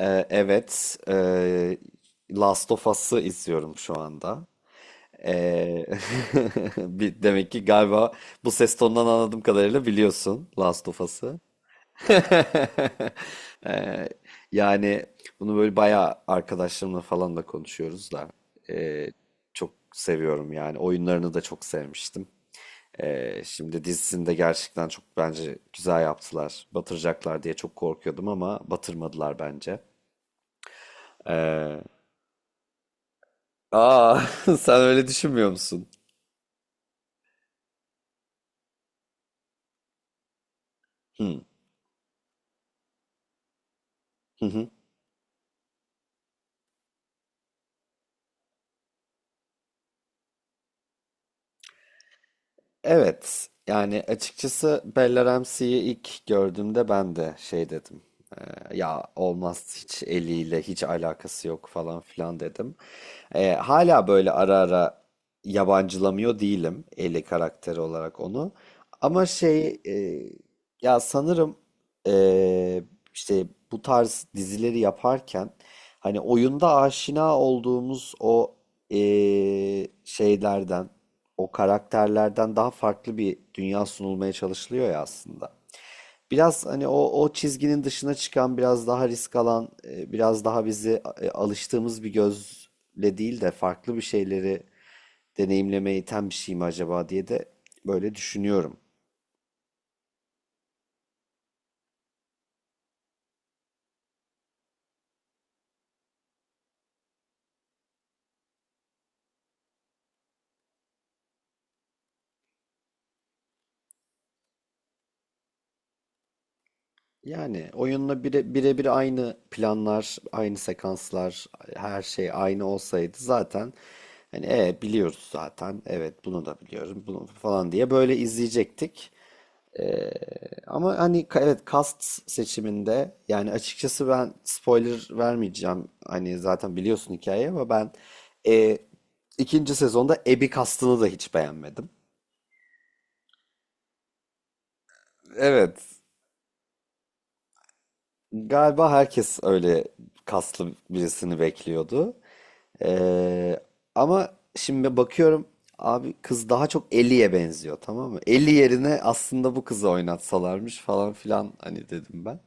Evet, Last of Us'ı izliyorum şu anda. Ee, Demek ki galiba bu ses tonundan anladığım kadarıyla biliyorsun Last of Us'ı. Ee, Yani bunu böyle bayağı arkadaşlarımla falan da konuşuyoruz da ee, çok seviyorum yani. Oyunlarını da çok sevmiştim. Şimdi dizisini de gerçekten çok bence güzel yaptılar. Batıracaklar diye çok korkuyordum ama batırmadılar bence. Ee, Aa, sen öyle düşünmüyor musun? Hı, hı hı. Evet. Yani açıkçası Bella Ramsey'i ilk gördüğümde ben de şey dedim. Ya olmaz, hiç eliyle hiç alakası yok falan filan dedim. Hala böyle ara ara yabancılamıyor değilim Ellie karakteri olarak onu. Ama ya sanırım, eee, işte bu tarz dizileri yaparken hani oyunda aşina olduğumuz o şeylerden, o karakterlerden daha farklı bir dünya sunulmaya çalışılıyor ya aslında. Biraz hani o çizginin dışına çıkan, biraz daha risk alan, biraz daha bizi alıştığımız bir gözle değil de farklı bir şeyleri deneyimlemeye iten bir şey mi acaba diye de böyle düşünüyorum. Yani oyunla birebir aynı planlar, aynı sekanslar, her şey aynı olsaydı zaten hani, biliyoruz zaten. Evet, bunu da biliyorum bunu falan diye böyle izleyecektik. Ee, Ama hani evet, cast seçiminde yani açıkçası ben spoiler vermeyeceğim. Hani zaten biliyorsun hikayeyi ama ben, e, ikinci sezonda Abby castını da hiç beğenmedim. Evet. Galiba herkes öyle kaslı birisini bekliyordu. Ee, Ama şimdi bakıyorum abi kız daha çok Ellie'ye benziyor, tamam mı? Ellie yerine aslında bu kızı oynatsalarmış falan filan hani dedim ben.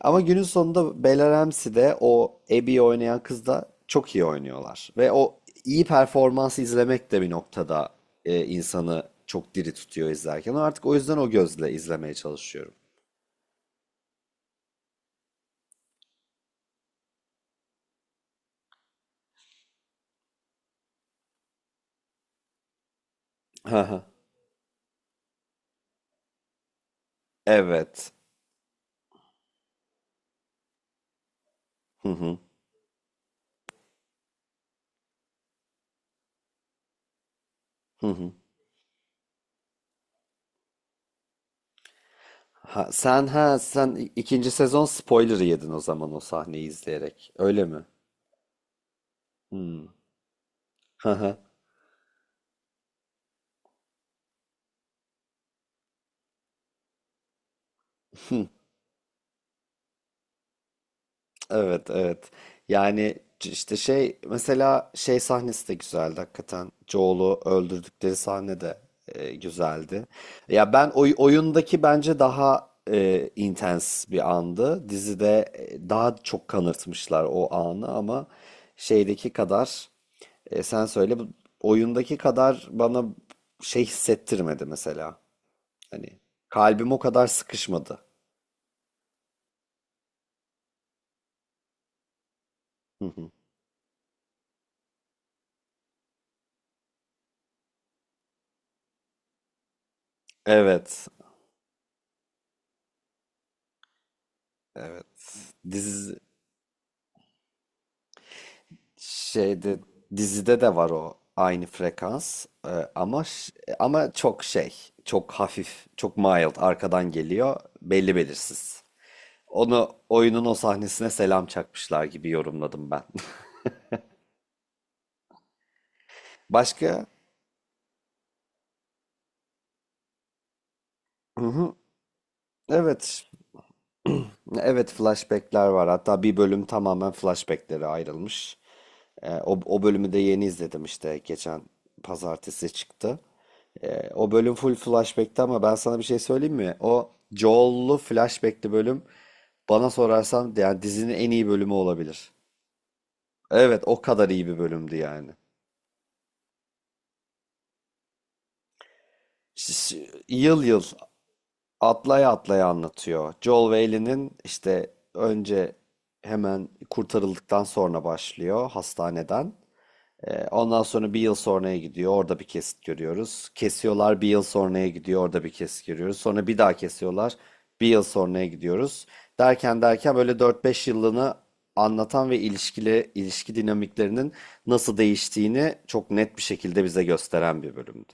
Ama günün sonunda Bella Ramsey de o Abby'yi oynayan kız da çok iyi oynuyorlar. Ve o iyi performansı izlemek de bir noktada, insanı çok diri tutuyor izlerken. Artık o yüzden o gözle izlemeye çalışıyorum. Evet. Hı hı. Hı hı. Ha, sen ikinci sezon spoiler'ı yedin o zaman o sahneyi izleyerek. Öyle mi? Hmm. Evet, evet. Yani işte mesela şey sahnesi de güzeldi hakikaten. Joel'u öldürdükleri sahne de, güzeldi. Ya ben oyundaki bence daha, intens bir andı. Dizide, daha çok kanırtmışlar o anı ama şeydeki kadar, sen söyle bu oyundaki kadar bana şey hissettirmedi mesela. Hani kalbim o kadar sıkışmadı. Hı hı. Evet, evet. Dizi Şeyde dizide de var o aynı frekans. Ama ama çok çok hafif, çok mild arkadan geliyor belli belirsiz. Onu oyunun o sahnesine selam çakmışlar gibi yorumladım ben. Başka? Hı hı. Evet. Evet, flashbackler var. Hatta bir bölüm tamamen flashbacklere ayrılmış. O bölümü de yeni izledim işte, geçen pazartesi çıktı. O bölüm full flashback'ti ama ben sana bir şey söyleyeyim mi? O Joel'lu flashback'li bölüm, bana sorarsan, yani dizinin en iyi bölümü olabilir. Evet, o kadar iyi bir bölümdü yani. Yıl yıl atlaya atlaya anlatıyor. Joel ve Ellie'nin işte önce, hemen kurtarıldıktan sonra başlıyor hastaneden. Ondan sonra bir yıl sonraya gidiyor. Orada bir kesit görüyoruz. Kesiyorlar, bir yıl sonraya gidiyor. Orada bir kesit görüyoruz. Sonra bir daha kesiyorlar. Bir yıl sonraya gidiyoruz. Derken derken böyle 4-5 yıllığını anlatan ve ilişki dinamiklerinin nasıl değiştiğini çok net bir şekilde bize gösteren bir bölümdü.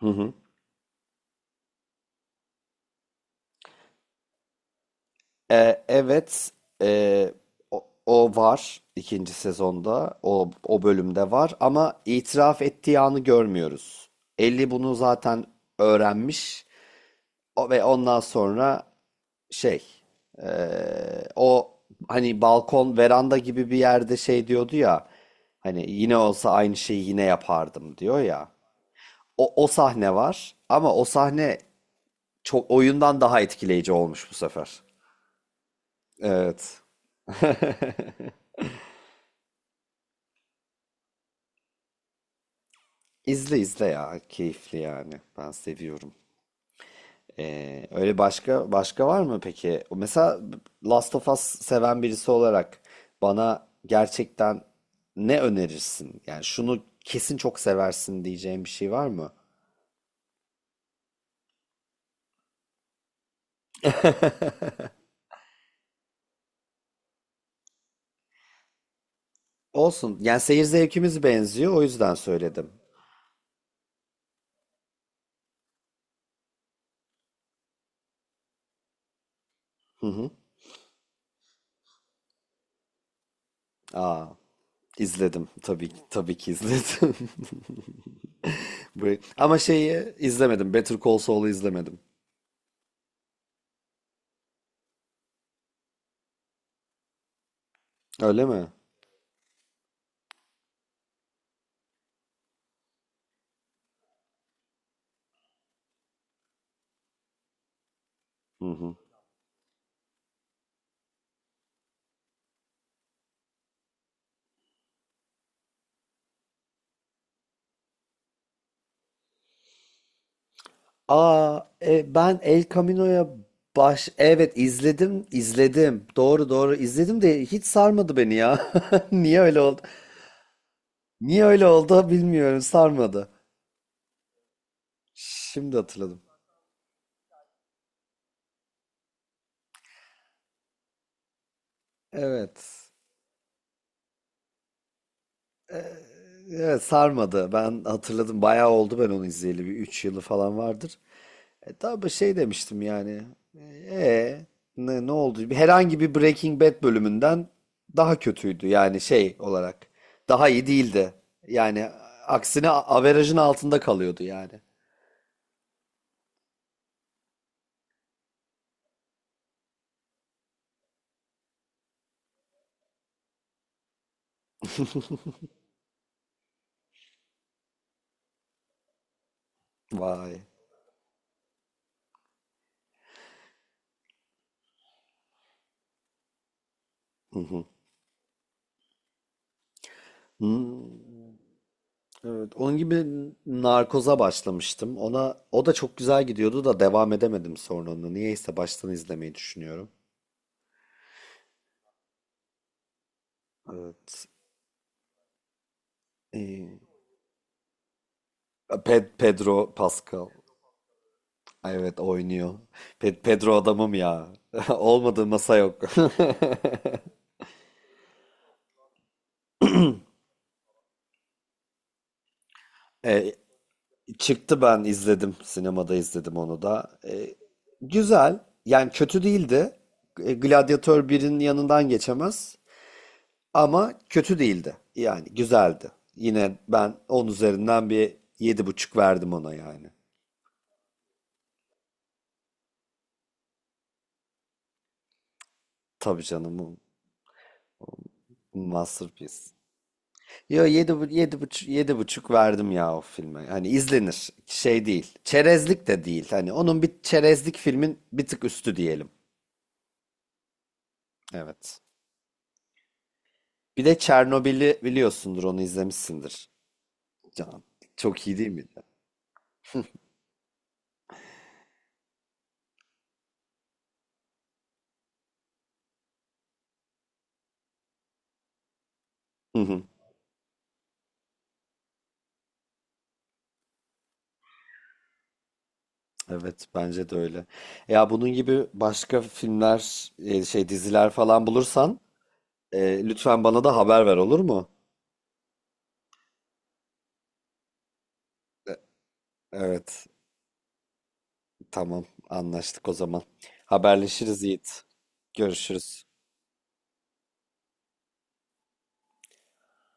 Hı hı. Evet, ee, o var ikinci sezonda, o bölümde var ama itiraf ettiği anı görmüyoruz. Ellie bunu zaten öğrenmiş, ve ondan sonra şey, o hani balkon, veranda gibi bir yerde şey diyordu ya, hani yine olsa aynı şeyi yine yapardım diyor ya. O sahne var ama o sahne çok, oyundan daha etkileyici olmuş bu sefer. Evet. İzle izle ya. Keyifli yani. Ben seviyorum. Öyle başka başka var mı peki? Mesela Last of Us seven birisi olarak bana gerçekten ne önerirsin? Yani şunu kesin çok seversin diyeceğim bir şey var mı? Olsun. Yani seyir zevkimiz benziyor. O yüzden söyledim. Hı hı. Aa, izledim. Tabii ki, tabii ki izledim. Ama şeyi izlemedim. Better Call Saul'u izlemedim. Öyle mi? Hı hı. Aa, ben El Camino'ya baş... Evet, izledim, izledim. Doğru doğru izledim de hiç sarmadı beni ya. Niye öyle oldu? Niye öyle oldu bilmiyorum, sarmadı. Şimdi hatırladım. Evet. Evet, sarmadı. Ben hatırladım. Bayağı oldu ben onu izleyeli. Bir 3 yılı falan vardır. Tabii şey demiştim yani. E, ne oldu? Herhangi bir Breaking Bad bölümünden daha kötüydü. Yani şey olarak. Daha iyi değildi. Yani aksine averajın altında kalıyordu yani. Vay. Hı hı. Hmm. Evet, onun gibi Narkoz'a başlamıştım. Ona, o da çok güzel gidiyordu da devam edemedim sonra onu. Niyeyse baştan izlemeyi düşünüyorum. Evet. Ee, Pedro Pascal. Ay, evet, oynuyor. Pedro adamım ya. Olmadığı masa yok. E, Çıktı, ben izledim. Sinemada izledim onu da. Güzel. Yani kötü değildi. Gladiator 1'in yanından geçemez. Ama kötü değildi. Yani güzeldi. Yine ben 10 üzerinden bir 7,5 verdim ona yani. Tabii canım. Bu masterpiece. Yo, 7,5 verdim ya o filme. Hani izlenir. Şey değil. Çerezlik de değil. Hani onun, bir çerezlik filmin bir tık üstü diyelim. Evet. Bir de Çernobil'i biliyorsundur. Onu izlemişsindir. Can. Çok iyi değil miydi? Hı hı. Evet, bence de öyle. Ya bunun gibi başka filmler, şey diziler falan bulursan, lütfen bana da haber ver, olur mu? Evet. Tamam. Anlaştık o zaman. Haberleşiriz, Yiğit. Görüşürüz.